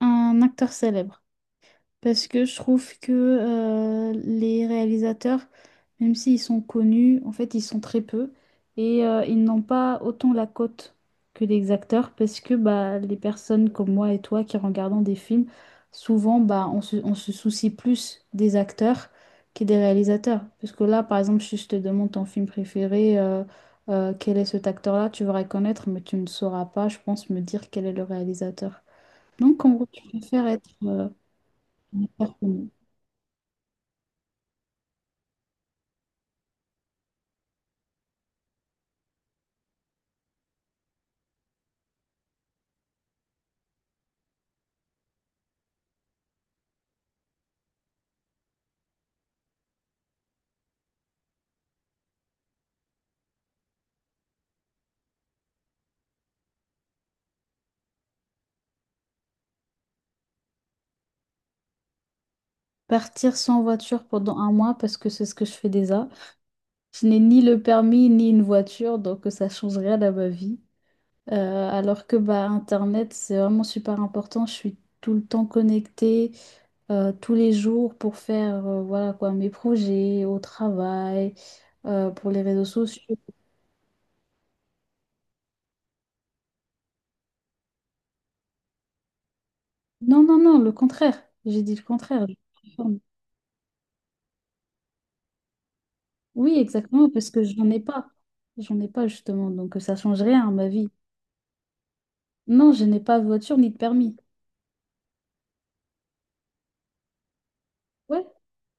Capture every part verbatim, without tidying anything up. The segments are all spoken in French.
Un acteur célèbre. Parce que je trouve que euh, les réalisateurs, même s'ils sont connus, en fait, ils sont très peu. Et euh, ils n'ont pas autant la cote que les acteurs. Parce que bah, les personnes comme moi et toi qui regardons des films, souvent, bah, on se, on se soucie plus des acteurs que des réalisateurs. Parce que là, par exemple, si je te demande ton film préféré, euh, euh, quel est cet acteur-là, tu vas reconnaître, mais tu ne sauras pas, je pense, me dire quel est le réalisateur. Donc, en gros, tu préfères être euh, performant. Partir sans voiture pendant un mois parce que c'est ce que je fais déjà. Je n'ai ni le permis ni une voiture, donc euh, ça ne change rien à ma vie. Euh, alors que bah, Internet, c'est vraiment super important. Je suis tout le temps connectée, euh, tous les jours pour faire euh, voilà quoi, mes projets au travail, euh, pour les réseaux sociaux. Non, non, non, le contraire. J'ai dit le contraire. Oui, exactement, parce que j'en ai pas. J'en ai pas, justement, donc euh, ça change rien à ma vie. Non, je n'ai pas de voiture ni de permis. Ouais,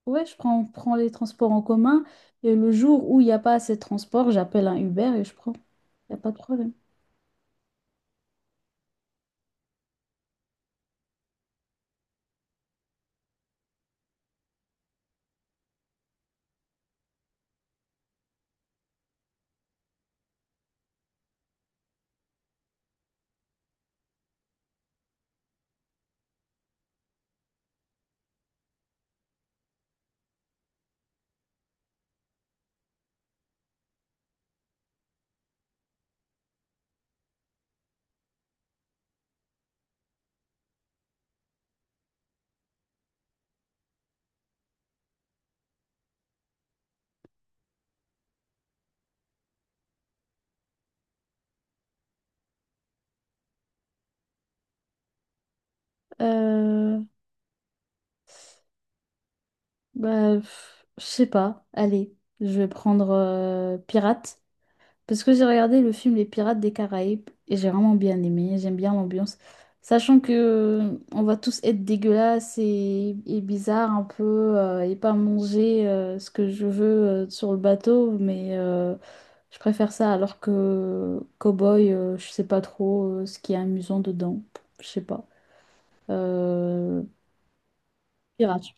ouais, je prends, prends les transports en commun et le jour où il n'y a pas assez de transport, j'appelle un Uber et je prends. Il n'y a pas de problème. Euh, bah, pff, je sais pas. Allez, je vais prendre euh, Pirate. Parce que j'ai regardé le film Les Pirates des Caraïbes et j'ai vraiment bien aimé, j'aime bien l'ambiance. Sachant que euh, on va tous être dégueulasses et, et bizarres un peu euh, et pas manger euh, ce que je veux euh, sur le bateau, mais euh, je préfère ça alors que euh, Cowboy, euh, je sais pas trop euh, ce qui est amusant dedans, je sais pas. Euh, Pirate.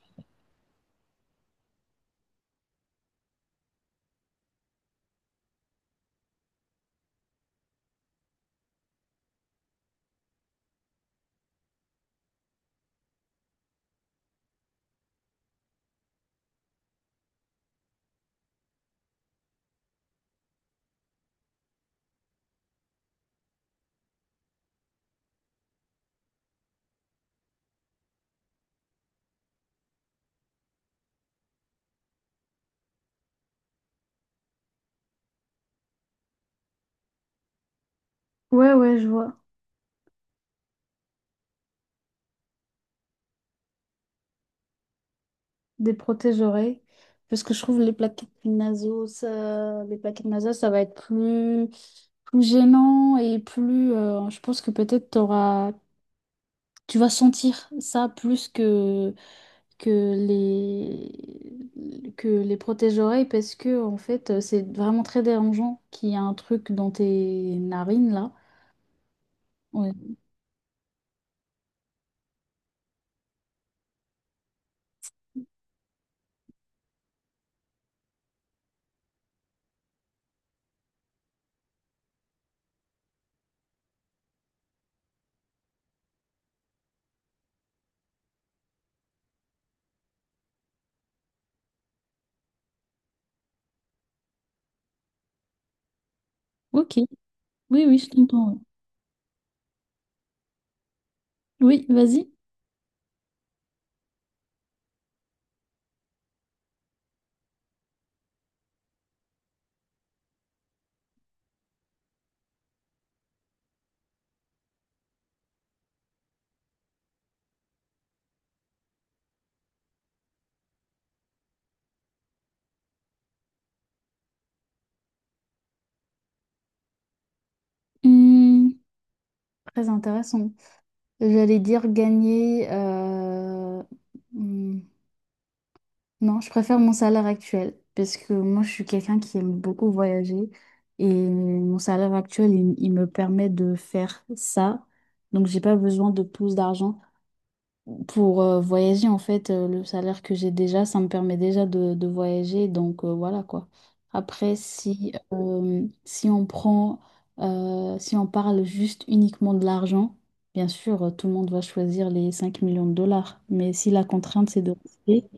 Ouais, ouais, je vois. Des protège-oreilles. Parce que je trouve les plaquettes nasaux, ça... les plaquettes nasales, ça va être plus. Plus gênant et plus euh, je pense que peut-être t'auras tu vas sentir ça plus que que les que les protège-oreilles parce que en fait euh, c'est vraiment très dérangeant qu'il y a un truc dans tes narines là. Ouais. Ok, oui, oui, je t'entends. Oui, vas-y. Hum, très intéressant. J'allais dire gagner euh, hum, non, je préfère mon salaire actuel parce que moi, je suis quelqu'un qui aime beaucoup voyager et mon salaire actuel, il, il me permet de faire ça. Donc, j'ai pas besoin de plus d'argent pour euh, voyager. En fait, euh, le salaire que j'ai déjà, ça me permet déjà de, de voyager. Donc, euh, voilà quoi. Après, si, euh, si on prend, euh, si on parle juste uniquement de l'argent, bien sûr, euh, tout le monde va choisir les cinq millions de dollars. Mais si la contrainte, c'est de rester.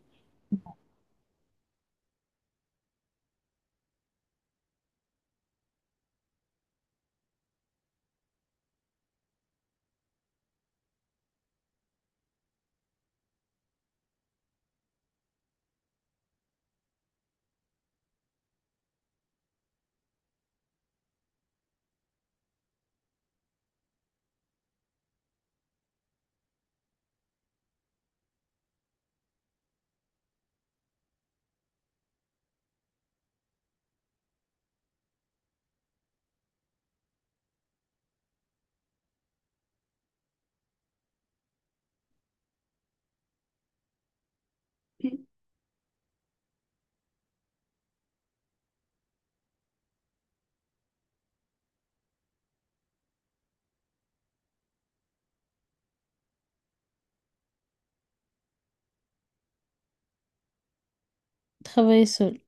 Travailler seul.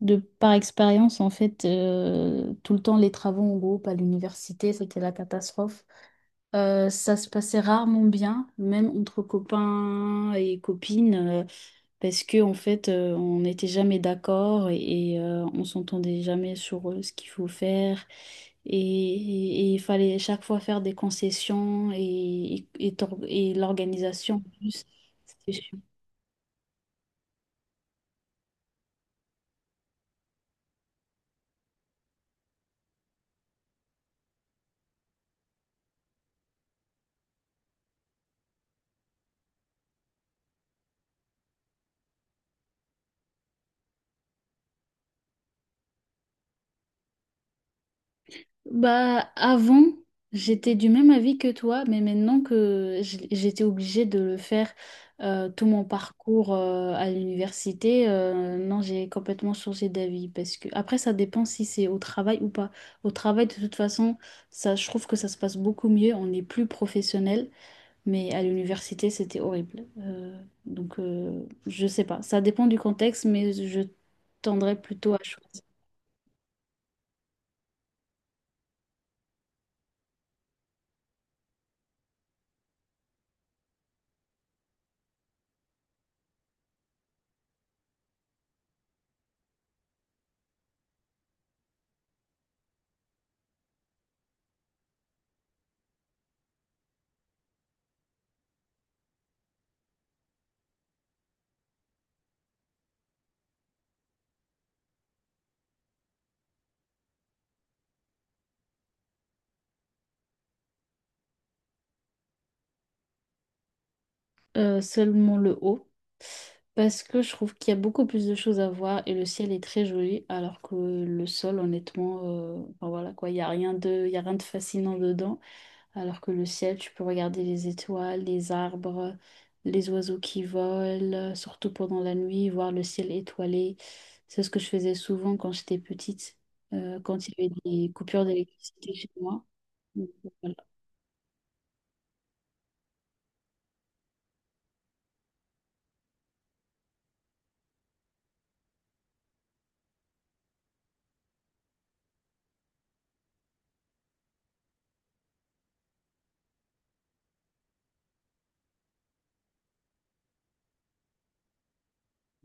De par expérience, en fait, euh, tout le temps les travaux en groupe à l'université, c'était la catastrophe. Euh, ça se passait rarement bien, même entre copains et copines, euh, parce que en fait, euh, on n'était jamais d'accord et, et, euh, on s'entendait jamais sur euh, ce qu'il faut faire. Et, et- et il fallait chaque fois faire des concessions et, et, et tor- et l'organisation en plus. Bah, avant, j'étais du même avis que toi, mais maintenant que j- j'étais obligée de le faire euh, tout mon parcours euh, à l'université, euh, non, j'ai complètement changé d'avis parce que après, ça dépend si c'est au travail ou pas. Au travail, de toute façon, ça, je trouve que ça se passe beaucoup mieux, on est plus professionnel, mais à l'université, c'était horrible. Euh, donc, euh, je sais pas, ça dépend du contexte, mais je tendrais plutôt à choisir. Euh, seulement le haut, parce que je trouve qu'il y a beaucoup plus de choses à voir et le ciel est très joli, alors que le sol, honnêtement, euh, enfin voilà quoi, il n'y a rien de, il y a rien de fascinant dedans, alors que le ciel, tu peux regarder les étoiles, les arbres, les oiseaux qui volent, surtout pendant la nuit, voir le ciel étoilé. C'est ce que je faisais souvent quand j'étais petite, euh, quand il y avait des coupures d'électricité chez moi. Donc, voilà.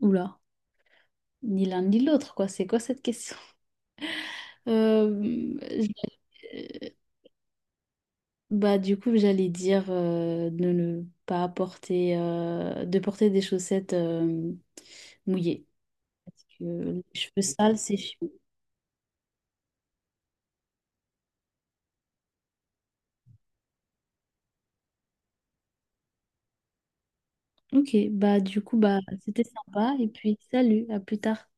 Oula, ni l'un ni l'autre, quoi. C'est quoi cette question? Euh, j'ai- bah, du coup, j'allais dire euh, de ne pas porter, euh, de porter des chaussettes euh, mouillées. Parce que les cheveux sales, c'est chiant. Ok, bah du coup, bah, c'était sympa. Et puis, salut, à plus tard.